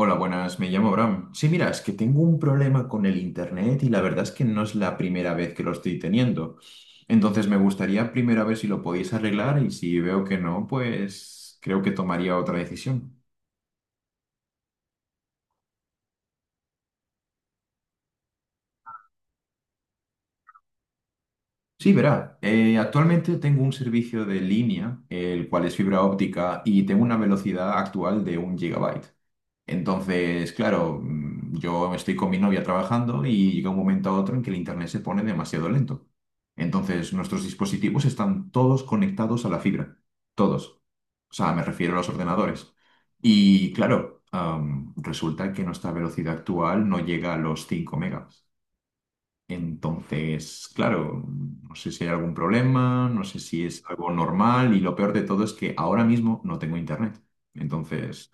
Hola, buenas, me llamo Bram. Sí, mira, es que tengo un problema con el internet y la verdad es que no es la primera vez que lo estoy teniendo. Entonces me gustaría primero ver si lo podéis arreglar y si veo que no, pues creo que tomaría otra decisión. Sí, verá, actualmente tengo un servicio de línea, el cual es fibra óptica y tengo una velocidad actual de un gigabyte. Entonces, claro, yo estoy con mi novia trabajando y llega un momento a otro en que el internet se pone demasiado lento. Entonces, nuestros dispositivos están todos conectados a la fibra, todos. O sea, me refiero a los ordenadores. Y claro, resulta que nuestra velocidad actual no llega a los 5 megas. Entonces, claro, no sé si hay algún problema, no sé si es algo normal y lo peor de todo es que ahora mismo no tengo internet. Entonces,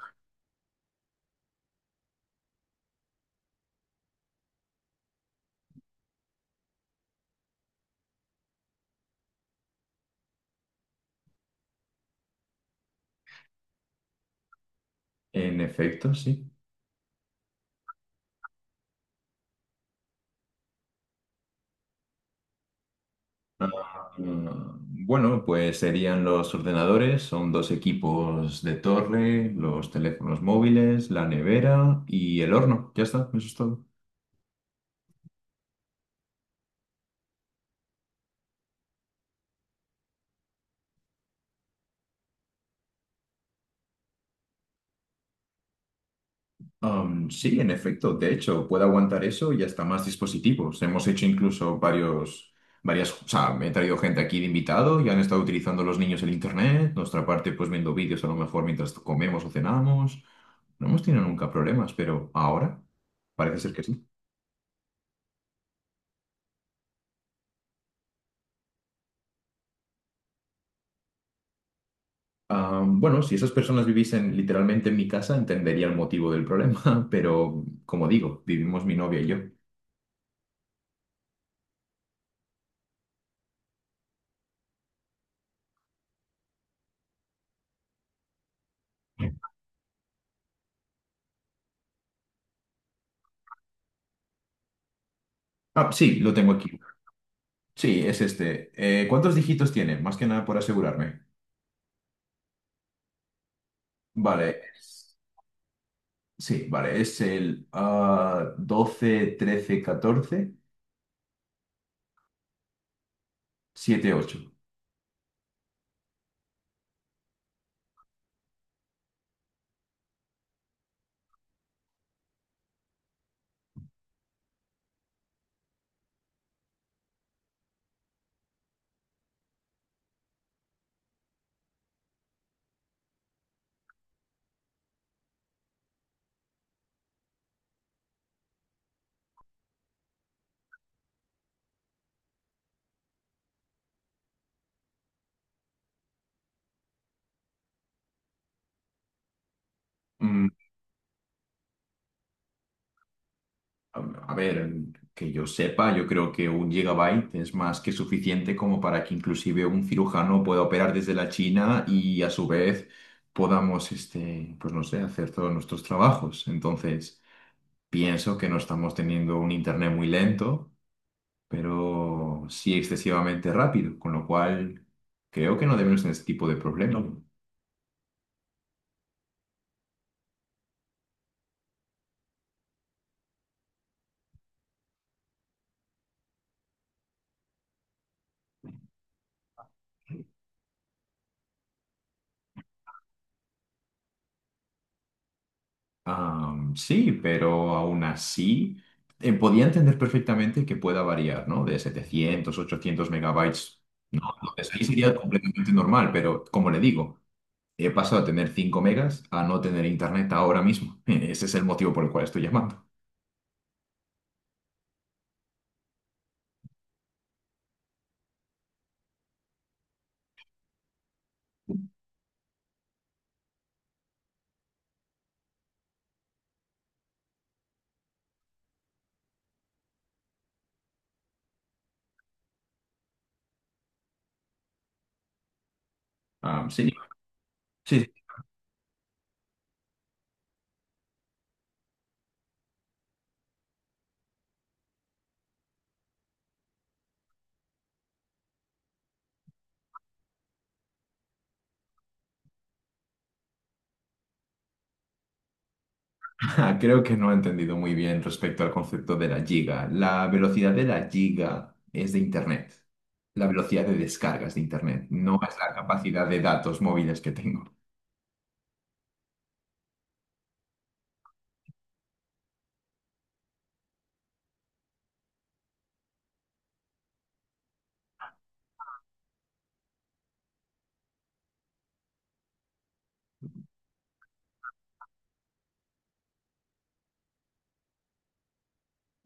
en efecto, sí. Ah, bueno, pues serían los ordenadores, son dos equipos de torre, los teléfonos móviles, la nevera y el horno. Ya está, eso es todo. Sí, en efecto, de hecho, puede aguantar eso y hasta más dispositivos. Hemos hecho incluso varias, o sea, me he traído gente aquí de invitado y han estado utilizando los niños el internet, nuestra parte pues viendo vídeos a lo mejor mientras comemos o cenamos. No hemos tenido nunca problemas, pero ahora parece ser que sí. Ah, bueno, si esas personas viviesen literalmente en mi casa, entendería el motivo del problema, pero como digo, vivimos mi novia y yo. Ah, sí, lo tengo aquí. Sí, es este. ¿Cuántos dígitos tiene? Más que nada por asegurarme. Vale, sí, vale, es el 12, 13, 14, 7, 8. A ver, que yo sepa, yo creo que un gigabyte es más que suficiente como para que inclusive un cirujano pueda operar desde la China y a su vez podamos, este, pues no sé, hacer todos nuestros trabajos. Entonces, pienso que no estamos teniendo un internet muy lento, pero sí excesivamente rápido, con lo cual creo que no debemos tener este tipo de problemas. No. Sí, pero aún así podía entender perfectamente que pueda variar, ¿no? De 700-800 megabytes. Entonces, ahí sería completamente normal, pero como le digo, he pasado a tener 5 megas a no tener internet ahora mismo. Ese es el motivo por el cual estoy llamando. Sí, sí, creo que no he entendido muy bien respecto al concepto de la giga. La velocidad de la giga es de internet. La velocidad de descargas de internet, no es la capacidad de datos móviles que tengo.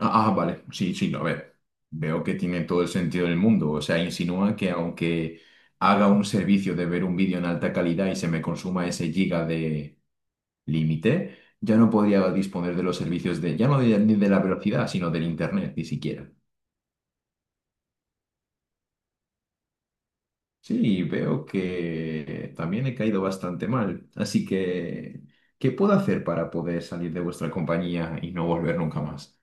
Ah, ah, vale, sí, sí, no, a ver, veo que tiene todo el sentido del mundo. O sea, insinúa que aunque haga un servicio de ver un vídeo en alta calidad y se me consuma ese giga de límite, ya no podría disponer de los servicios de, ya no de, ni de la velocidad, sino del internet, ni siquiera. Sí, veo que también he caído bastante mal. Así que, ¿qué puedo hacer para poder salir de vuestra compañía y no volver nunca más?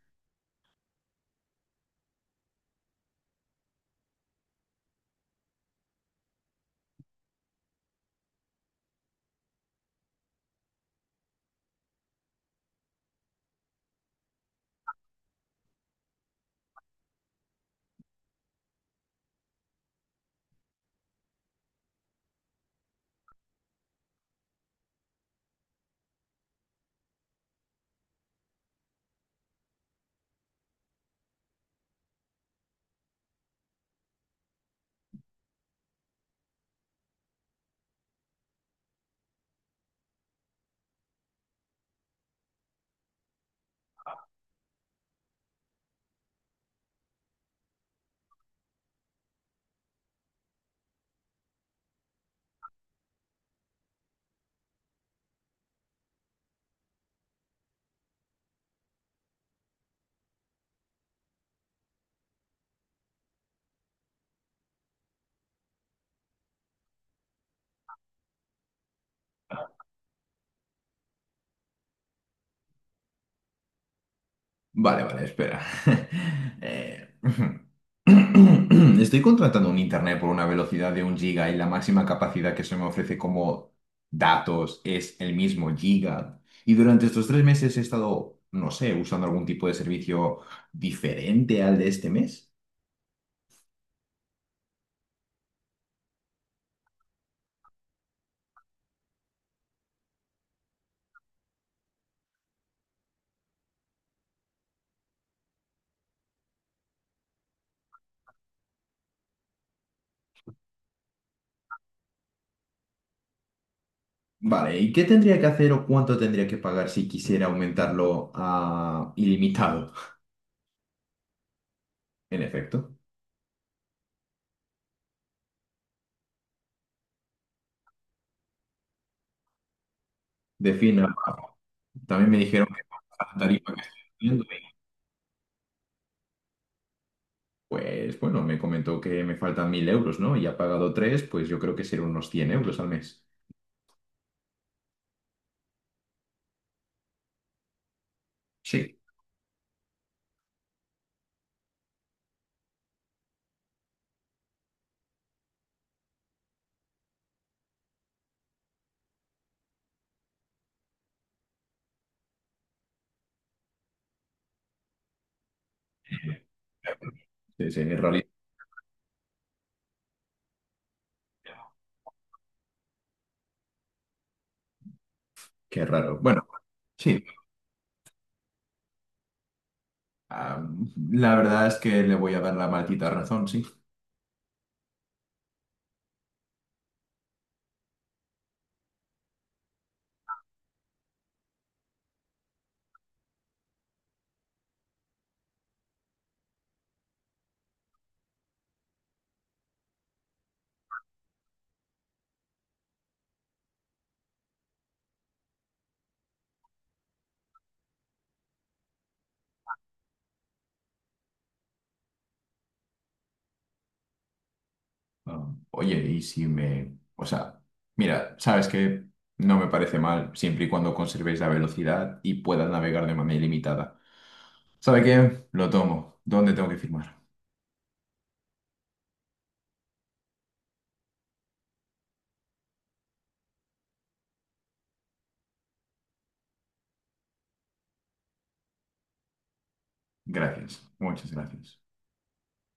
Vale, vale, espera. Eh, Estoy contratando un internet por una velocidad de un giga y la máxima capacidad que se me ofrece como datos es el mismo giga. Y durante estos 3 meses he estado, no sé, usando algún tipo de servicio diferente al de este mes. Vale, ¿y qué tendría que hacer o cuánto tendría que pagar si quisiera aumentarlo a ilimitado? En efecto, defina. También me dijeron que la tarifa que estoy... Pues bueno, me comentó que me faltan 1.000 euros, ¿no? Y ha pagado tres, pues yo creo que serán unos 100 euros al mes. Sí. Sí, sí, en realidad, qué raro. Bueno, sí, ah, la verdad es que le voy a dar la maldita razón, sí. Ah, oye, y si me... O sea, mira, sabes que no me parece mal siempre y cuando conservéis la velocidad y puedas navegar de manera ilimitada. ¿Sabe qué? Lo tomo. ¿Dónde tengo que firmar? Gracias, muchas gracias.